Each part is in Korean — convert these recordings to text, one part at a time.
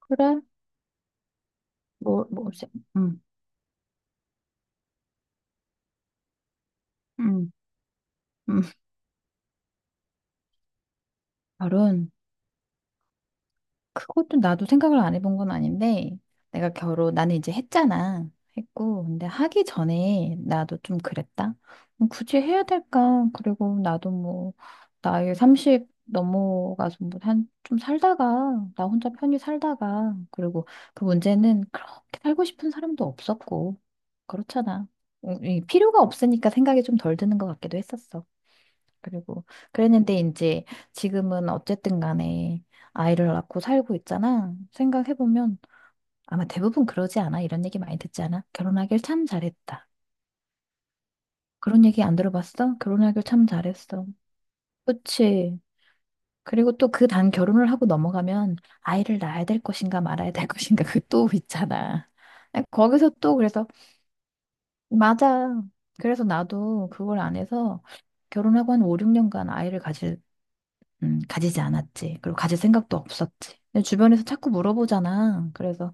그래? 뭐, 뭐, 없이. 음, 음, 음. 결혼. 그것도 나도 생각을 안 해본 건 아닌데, 내가 결혼, 나는 이제 했잖아. 했고, 근데 하기 전에 나도 좀 그랬다. 굳이 해야 될까? 그리고 나도 뭐, 나이 30 넘어가서 뭐, 한, 좀 살다가, 나 혼자 편히 살다가, 그리고 그 문제는 그렇게 살고 싶은 사람도 없었고, 그렇잖아. 이 필요가 없으니까 생각이 좀 덜 드는 것 같기도 했었어. 그리고 그랬는데 이제 지금은 어쨌든 간에 아이를 낳고 살고 있잖아. 생각해보면 아마 대부분 그러지 않아? 이런 얘기 많이 듣지 않아? 결혼하길 참 잘했다. 그런 얘기 안 들어봤어? 결혼하길 참 잘했어. 그치. 그리고 또 그 단 결혼을 하고 넘어가면 아이를 낳아야 될 것인가 말아야 될 것인가 그 또 있잖아. 거기서 또 그래서 맞아. 그래서 나도 그걸 안 해서 결혼하고 한 5, 6년간 아이를 가질 가지지 않았지. 그리고 가질 생각도 없었지. 근데 주변에서 자꾸 물어보잖아. 그래서,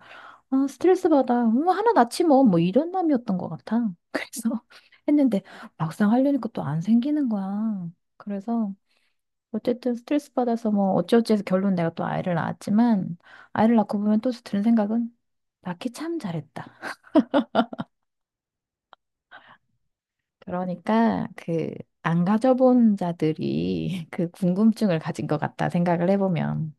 아, 스트레스 받아. 뭐, 하나 낳지 뭐. 뭐, 이런 마음이었던 것 같아. 그래서 했는데, 막상 하려니까 또 안 생기는 거야. 그래서, 어쨌든 스트레스 받아서 뭐, 어찌어찌 해서 결론 내가 또 아이를 낳았지만, 아이를 낳고 보면 또 드는 생각은, 낳기 참 잘했다. 그러니까, 그, 안 가져본 자들이 그 궁금증을 가진 것 같다 생각을 해보면.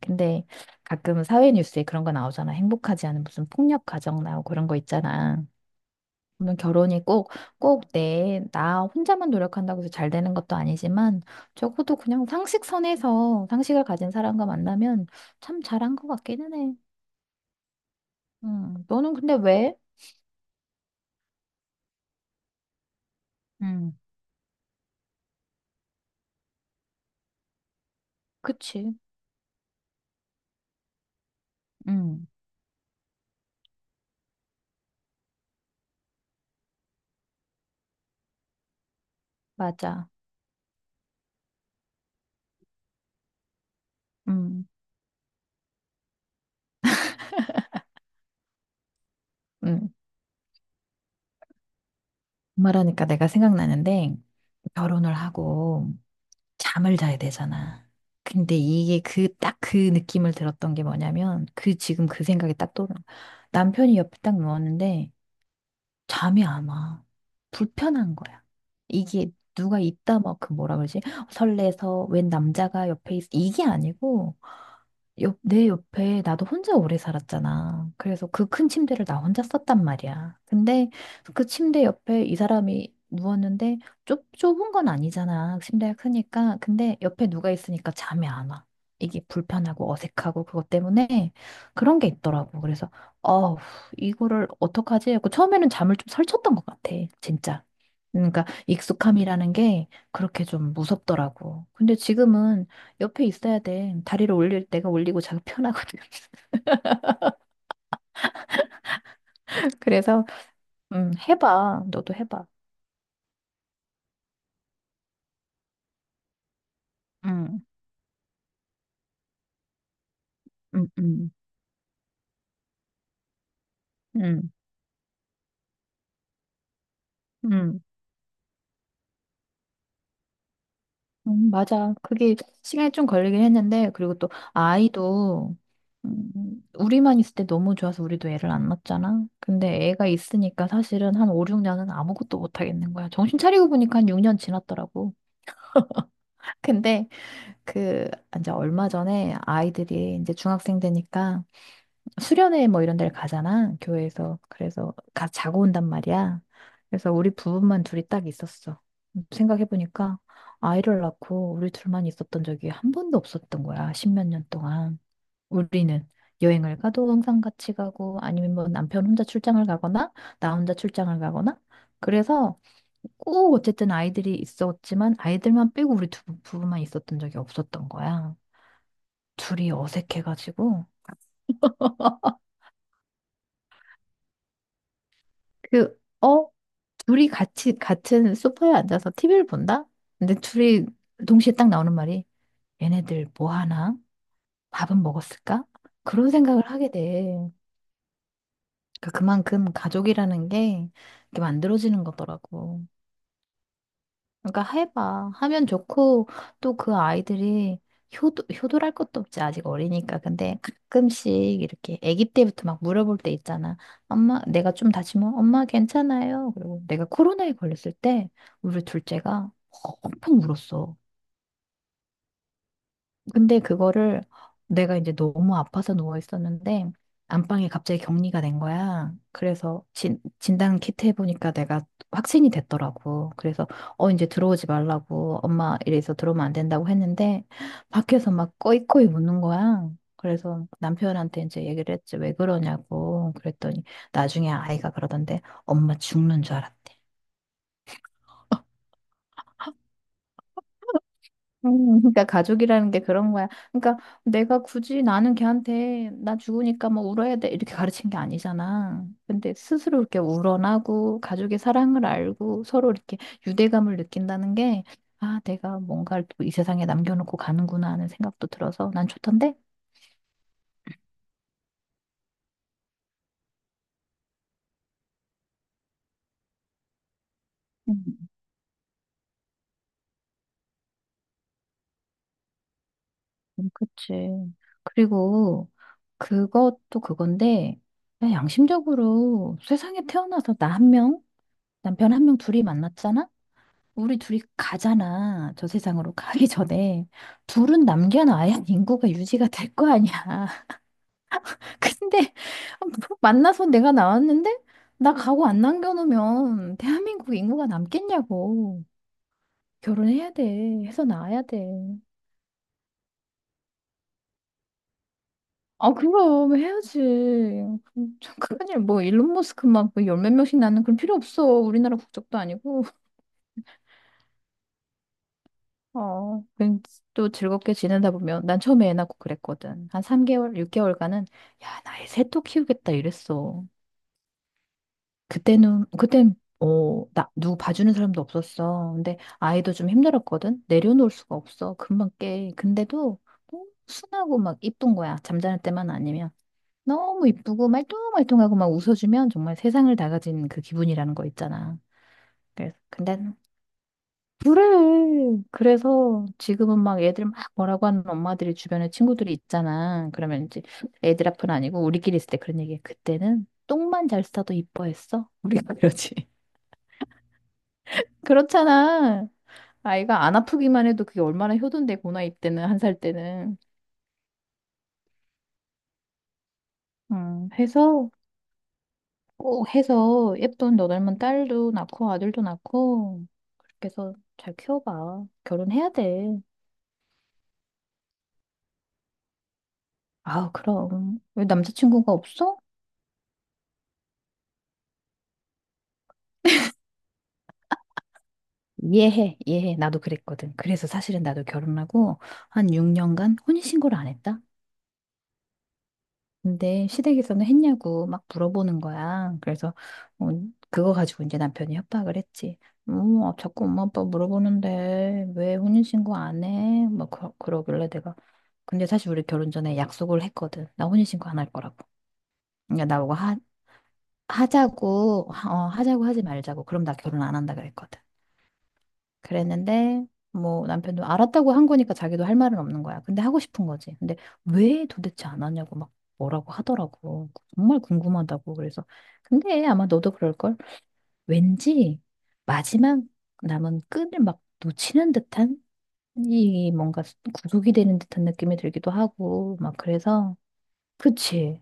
근데 가끔 사회 뉴스에 그런 거 나오잖아. 행복하지 않은 무슨 폭력 가정 나오고 그런 거 있잖아. 물론 결혼이 꼭, 꼭 나 혼자만 노력한다고 해서 잘 되는 것도 아니지만 적어도 그냥 상식선에서 상식을 가진 사람과 만나면 참 잘한 것 같기는 해. 너는 근데 왜? 음, 그치. 음, 맞아. 음, 음. 말하니까 내가 생각나는데 결혼을 하고 잠을 자야 되잖아. 근데 이게 그, 딱 그 느낌을 들었던 게 뭐냐면, 그, 지금 그 생각이 딱 떠오른는 거야. 남편이 옆에 딱 누웠는데, 잠이 안 와. 불편한 거야. 이게 누가 있다, 막, 그 뭐라 그러지? 설레서, 웬 남자가 옆에 있어. 이게 아니고, 옆, 내 옆에 나도 혼자 오래 살았잖아. 그래서 그 큰 침대를 나 혼자 썼단 말이야. 근데 그 침대 옆에 이 사람이 누웠는데 좁은 건 아니잖아. 침대가 크니까. 근데 옆에 누가 있으니까 잠이 안 와. 이게 불편하고 어색하고 그것 때문에 그런 게 있더라고. 그래서 어우, 이거를 어떡하지? 하고 처음에는 잠을 좀 설쳤던 것 같아. 진짜. 그러니까 익숙함이라는 게 그렇게 좀 무섭더라고. 근데 지금은 옆에 있어야 돼. 다리를 올릴 때가 올리고 자기 편하거든. 그래서 해봐. 너도 해봐. 음, 음, 음, 음, 음, 맞아. 그게 시간이 좀 걸리긴 했는데 그리고 또 아이도 우리만 있을 때 너무 좋아서 우리도 애를 안 낳았잖아. 근데 애가 있으니까 사실은 한 5, 6년은 아무것도 못 하겠는 거야. 정신 차리고 보니까 한 6년 지났더라고. 근데 그 이제 얼마 전에 아이들이 이제 중학생 되니까 수련회 뭐 이런 데를 가잖아, 교회에서. 그래서 가 자고 온단 말이야. 그래서 우리 부부만 둘이 딱 있었어. 생각해보니까 아이를 낳고 우리 둘만 있었던 적이 한 번도 없었던 거야, 십몇 년 동안. 우리는 여행을 가도 항상 같이 가고 아니면 뭐 남편 혼자 출장을 가거나 나 혼자 출장을 가거나 그래서 꼭 어쨌든 아이들이 있었지만 아이들만 빼고 우리 두 부부만 있었던 적이 없었던 거야. 둘이 어색해가지고. 그, 어? 둘이 같이, 같은 소파에 앉아서 TV를 본다? 근데 둘이 동시에 딱 나오는 말이, 얘네들 뭐 하나? 밥은 먹었을까? 그런 생각을 하게 돼. 그러니까 그만큼 가족이라는 게 이렇게 만들어지는 거더라고. 그러니까 해봐. 하면 좋고, 또 그 아이들이 효도, 효도랄 것도 없지. 아직 어리니까. 근데 가끔씩 이렇게 아기 때부터 막 물어볼 때 있잖아. 엄마, 내가 좀 다치면 엄마 괜찮아요. 그리고 내가 코로나에 걸렸을 때 우리 둘째가 엄청 울었어. 근데 그거를 내가 이제 너무 아파서 누워 있었는데 안방에 갑자기 격리가 된 거야. 그래서 진단 키트 해보니까 내가 확진이 됐더라고. 그래서 이제 들어오지 말라고 엄마 이래서 들어오면 안 된다고 했는데 밖에서 막 꺼이꺼이 우는 거야. 그래서 남편한테 이제 얘기를 했지 왜 그러냐고 그랬더니 나중에 아이가 그러던데 엄마 죽는 줄 알았대. 그러니까 가족이라는 게 그런 거야. 그러니까 내가 굳이 나는 걔한테 나 죽으니까 뭐 울어야 돼 이렇게 가르친 게 아니잖아. 근데 스스로 이렇게 우러나고 가족의 사랑을 알고 서로 이렇게 유대감을 느낀다는 게 아, 내가 뭔가를 또 이 세상에 남겨놓고 가는구나 하는 생각도 들어서 난 좋던데? 음, 그치. 그리고 그것도 그건데 그냥 양심적으로 세상에 태어나서 나 한 명, 남편 한 명 둘이 만났잖아? 우리 둘이 가잖아. 저 세상으로 가기 전에. 둘은 남겨놔야 인구가 유지가 될 거 아니야. 근데 만나서 내가 나왔는데 나 가고 안 남겨놓으면 대한민국 인구가 남겠냐고. 결혼해야 돼. 해서 나와야 돼. 아, 그럼 해야지. 참, 큰일, 뭐, 일론 머스크만 그 열 몇 명씩 낳는 그런 필요 없어. 우리나라 국적도 아니고. 어, 왠지 또 즐겁게 지내다 보면 난 처음에 애 낳고 그랬거든. 한 3개월, 6개월간은 야, 나애 셋 또 키우겠다 이랬어. 그때는 그땐 어, 나 누구 봐주는 사람도 없었어. 근데 아이도 좀 힘들었거든. 내려놓을 수가 없어. 금방 깨. 근데도 너무 순하고 막 이쁜 거야. 잠자는 때만 아니면 너무 이쁘고 말똥말똥하고 막 웃어주면 정말 세상을 다 가진 그 기분이라는 거 있잖아. 그래서 근데 그래. 그래서 지금은 막 애들 막 뭐라고 하는 엄마들이 주변에 친구들이 있잖아. 그러면 이제 애들 앞은 아니고 우리끼리 있을 때 그런 얘기해. 그때는 똥만 잘 싸도 이뻐했어. 우리가 그러지. 그렇잖아. 아이가 안 아프기만 해도 그게 얼마나 효도인데, 고나 이때는, 한 살 때는. 해서, 꼭 해서 예쁜 너 닮은 딸도 낳고 아들도 낳고, 그렇게 해서 잘 키워봐. 결혼해야 돼. 아, 그럼. 왜 남자친구가 없어? 이해해, 이해해. 나도 그랬거든. 그래서 사실은 나도 결혼하고 한 6년간 혼인신고를 안 했다? 근데 시댁에서는 했냐고 막 물어보는 거야. 그래서 어, 그거 가지고 이제 남편이 협박을 했지. 자꾸 엄마 아빠 물어보는데 왜 혼인신고 안 해? 막 그러길래 내가. 근데 사실 우리 결혼 전에 약속을 했거든. 나 혼인신고 안 할 거라고. 그러니까 나보고 하자고 하지 말자고. 그럼 나 결혼 안 한다 그랬거든. 그랬는데 뭐 남편도 알았다고 한 거니까 자기도 할 말은 없는 거야. 근데 하고 싶은 거지. 근데 왜 도대체 안 하냐고 막 뭐라고 하더라고. 정말 궁금하다고. 그래서 근데 아마 너도 그럴 걸. 왠지 마지막 남은 끈을 막 놓치는 듯한 이 뭔가 구속이 되는 듯한 느낌이 들기도 하고 막 그래서 그치.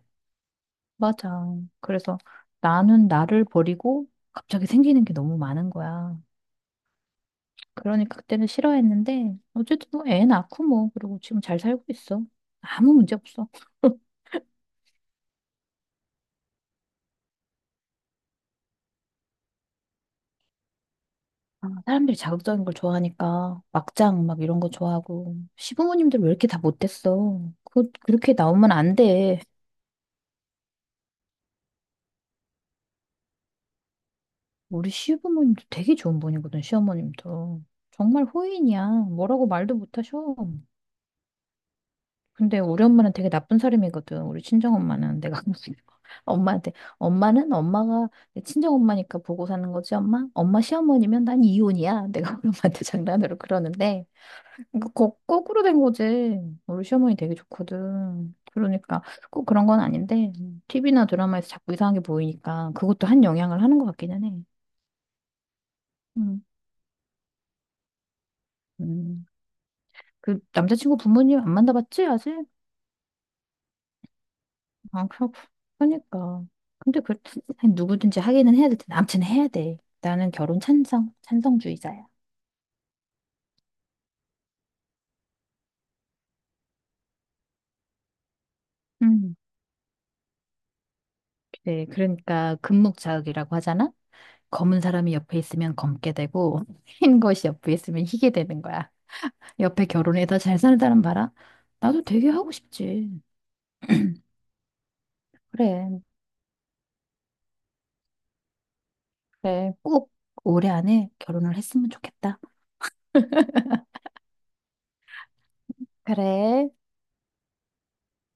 맞아. 그래서 나는 나를 버리고 갑자기 생기는 게 너무 많은 거야. 그러니까 그때는 싫어했는데 어쨌든 뭐 애 낳고 뭐 그리고 지금 잘 살고 있어. 아무 문제 없어. 아, 사람들이 자극적인 걸 좋아하니까 막장 막 이런 거 좋아하고 시부모님들 왜 이렇게 다 못됐어? 그 그렇게 나오면 안 돼. 우리 시부모님도 되게 좋은 분이거든 시어머님도 정말 호인이야. 뭐라고 말도 못하셔. 근데 우리 엄마는 되게 나쁜 사람이거든. 우리 친정 엄마는 내가 무슨 엄마한테 엄마는 엄마가 내 친정 엄마니까 보고 사는 거지 엄마. 엄마 시어머니면 난 이혼이야. 내가 우리 엄마한테 장난으로 그러는데 그러니까 거꾸로 된 거지. 우리 시어머니 되게 좋거든. 그러니까 꼭 그런 건 아닌데 TV나 드라마에서 자꾸 이상한 게 보이니까 그것도 한 영향을 하는 것 같기는 해. 음, 음. 그 남자친구 부모님 안 만나봤지 아직? 아, 그렇고. 그러니까. 근데 그 아니, 누구든지 하기는 해야 될 텐데 아무튼 해야 돼. 나는 결혼 찬성, 찬성주의자야. 음. 그래. 그러니까 금목자극이라고 하잖아. 검은 사람이 옆에 있으면 검게 되고 흰 것이 옆에 있으면 희게 되는 거야. 옆에 결혼해서 잘 사는 사람 봐라. 나도 되게 하고 싶지. 그래. 그래. 꼭 올해 안에 결혼을 했으면 좋겠다. 그래.